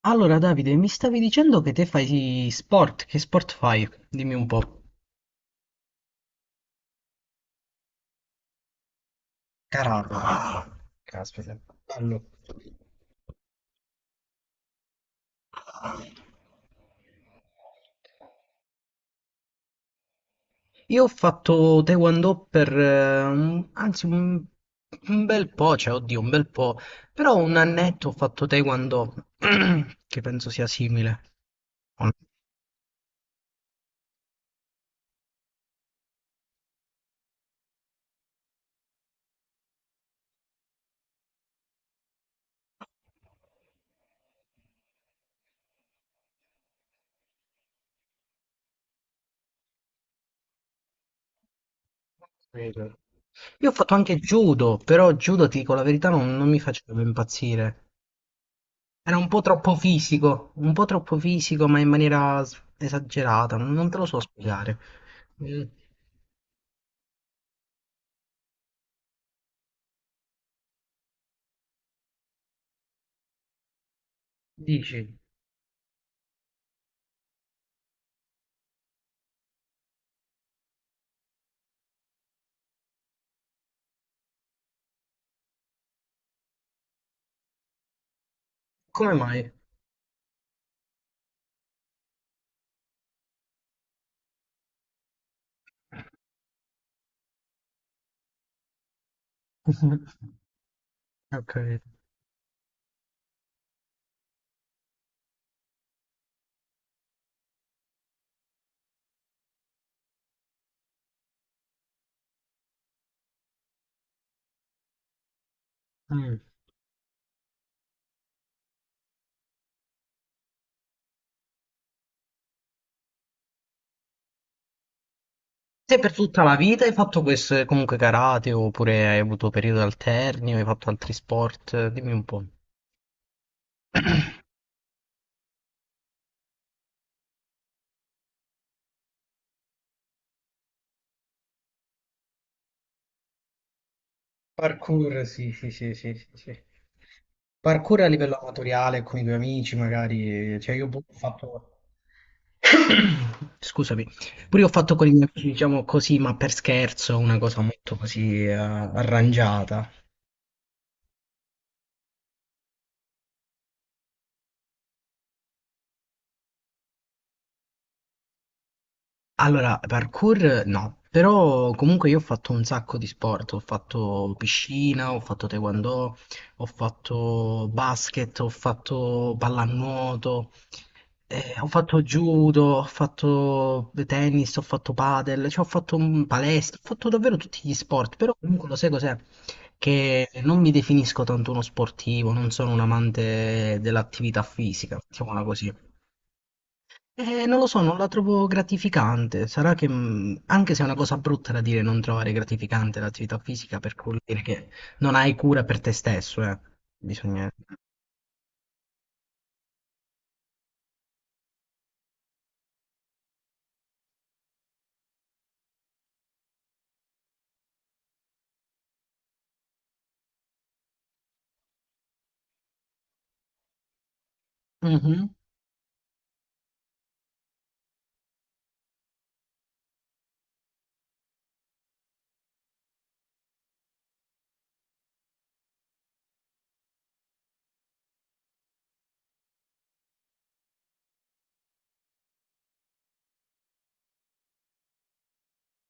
Allora, Davide, mi stavi dicendo che te fai sport, che sport fai? Dimmi un po'. Caramba, caspita, bello. Io ho fatto Taekwondo per, un- anzi, un bel po', cioè, oddio, un bel po', però un annetto ho fatto Taekwondo, che penso sia simile. O no? Capito. Io ho fatto anche judo, però judo, ti dico la verità, non mi faceva impazzire. Era un po' troppo fisico, un po' troppo fisico, ma in maniera s- esagerata, non te lo so spiegare. Mm, dici, come mai? Ho capito. Mm. Te per tutta la vita hai fatto questo, comunque karate, oppure hai avuto periodi alterni, o hai fatto altri sport? Dimmi un po'. Parkour, sì, sì, sì, sì, sì, sì. Parkour a livello amatoriale con i tuoi amici, magari. Cioè, io boh, ho fatto. Scusami, pure io ho fatto con i miei amici, diciamo così, ma per scherzo, una cosa molto così arrangiata. Allora, parkour no, però comunque io ho fatto un sacco di sport, ho fatto piscina, ho fatto taekwondo, ho fatto basket, ho fatto pallanuoto, eh, ho fatto judo, ho fatto tennis, ho fatto padel, cioè ho fatto palestra, ho fatto davvero tutti gli sport, però comunque lo sai cos'è? Che non mi definisco tanto uno sportivo, non sono un amante dell'attività fisica, mettiamola così. Non lo so, non la trovo gratificante. Sarà che, anche se è una cosa brutta da dire, non trovare gratificante l'attività fisica, perché vuol dire che non hai cura per te stesso, eh. Bisogna... Mhm.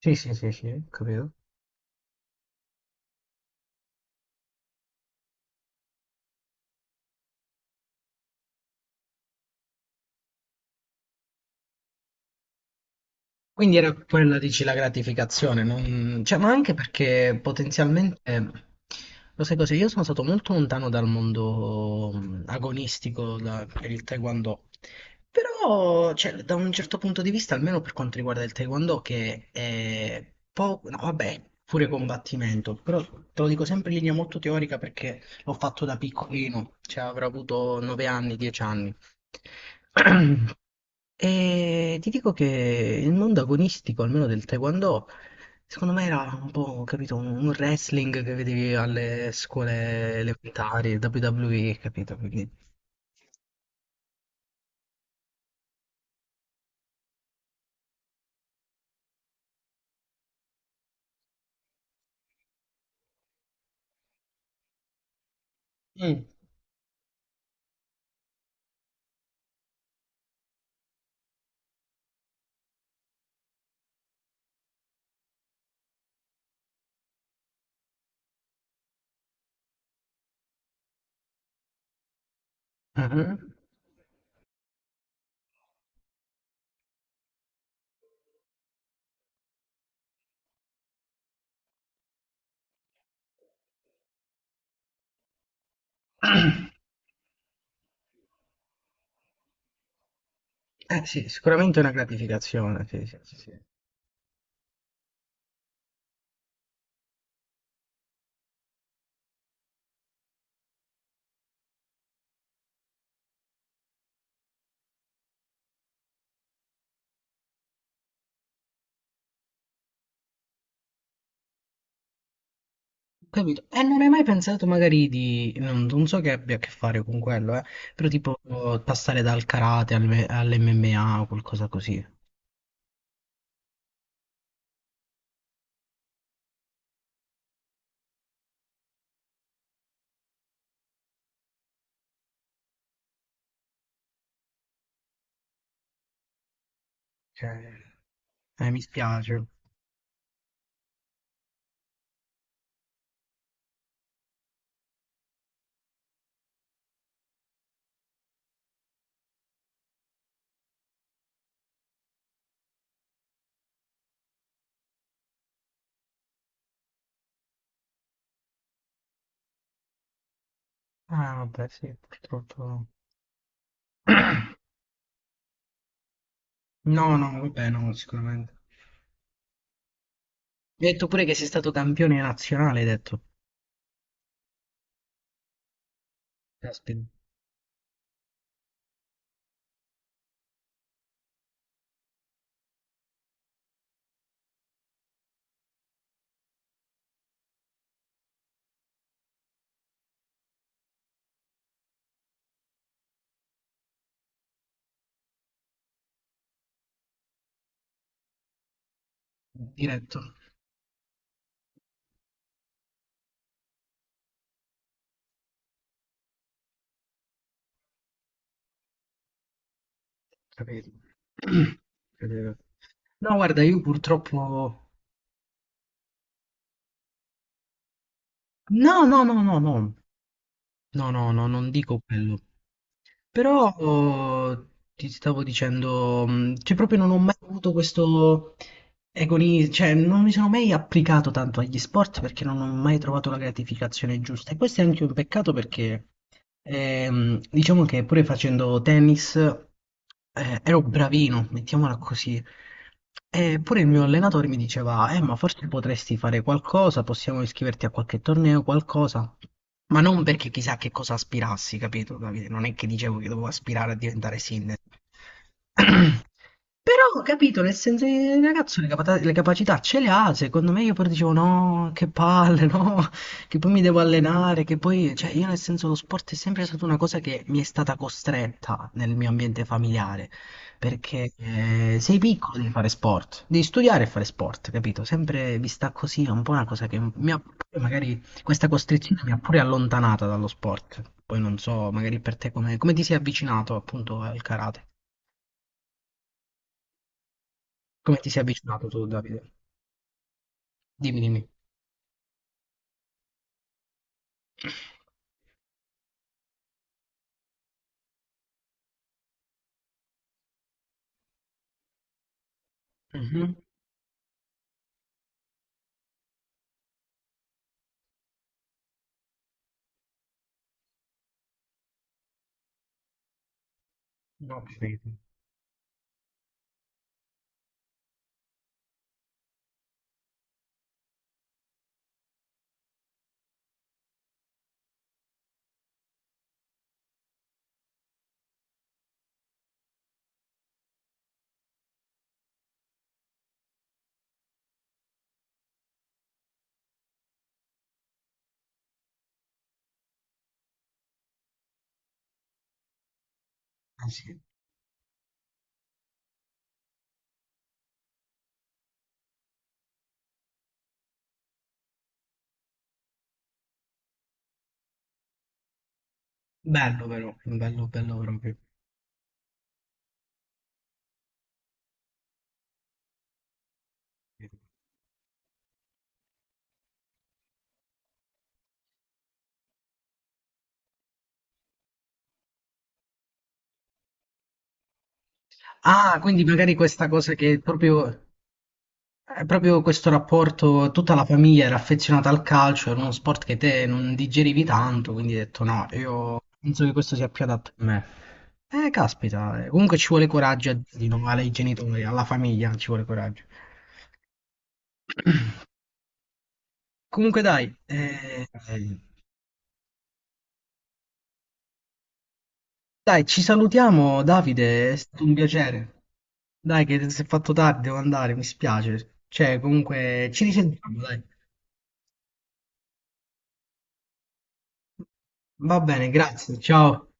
Sì, sì, sì, sì, capito. Quindi era quella, dici, la gratificazione, non- cioè, ma anche perché potenzialmente, lo sai cosa, io sono stato molto lontano dal mondo agonistico da- per il Taekwondo, però, cioè, da un certo punto di vista, almeno per quanto riguarda il Taekwondo, che è poco, no, vabbè, pure combattimento, però te lo dico sempre in linea molto teorica perché l'ho fatto da piccolino, cioè avrò avuto 9 anni, 10 anni. E ti dico che il mondo agonistico, almeno del Taekwondo, secondo me era un po', capito, un wrestling che vedevi alle scuole elementari, WWE, capito? Quindi, mm. Mhm. Eh sì, sicuramente è una gratificazione, sì, sì, sì. Sì. Mm. Capito? E non hai mai pensato magari di, non so che abbia a che fare con quello, però tipo passare dal karate all'MMA o qualcosa così. Cioè, mi spiace. Ah, vabbè, sì, purtroppo. No, no, no, vabbè, no, sicuramente. Mi hai detto pure che sei stato campione nazionale, hai detto. Caspita, diretto. Capito. Capito. No, guarda, io purtroppo... No, no, no, no, no. No, no, no, non dico quello. Però oh, ti stavo dicendo, cioè proprio non ho mai avuto questo... agoni- cioè non mi sono mai applicato tanto agli sport perché non ho mai trovato la gratificazione giusta. E questo è anche un peccato perché diciamo che pure facendo tennis ero bravino, mettiamola così. E pure il mio allenatore mi diceva, ma forse potresti fare qualcosa, possiamo iscriverti a qualche torneo, qualcosa. Ma non perché chissà che cosa aspirassi, capito, Davide? Non è che dicevo che dovevo aspirare a diventare sindaco. Però, ho capito, nel senso, il ragazzo le, capata- le capacità ce le ha, secondo me io poi dicevo no, che palle, no, che poi mi devo allenare, che poi, cioè io nel senso lo sport è sempre stata una cosa che mi è stata costretta nel mio ambiente familiare, perché sei piccolo devi fare sport, devi studiare e fare sport, capito? Sempre vista così è un po' una cosa che mi ha, magari questa costrizione mi ha pure allontanata dallo sport, poi non so, magari per te come, come ti sei avvicinato appunto al karate. Come ti sei avvicinato tu, Davide? Dimmi, dimmi. Mhm. No, ho capito. Eh sì. Bello però, bello, bello proprio. Ah, quindi magari questa cosa che proprio, è proprio questo rapporto, tutta la famiglia era affezionata al calcio, era uno sport che te non digerivi tanto, quindi hai detto no, io penso che questo sia più adatto a me. Caspita, comunque ci vuole coraggio a dirlo, no, ai genitori, alla famiglia ci vuole coraggio. Comunque dai, dai, ci salutiamo, Davide, è stato un piacere. Dai, che si è fatto tardi, devo andare, mi spiace. Cioè, comunque, ci risentiamo, dai. Va bene, grazie, ciao.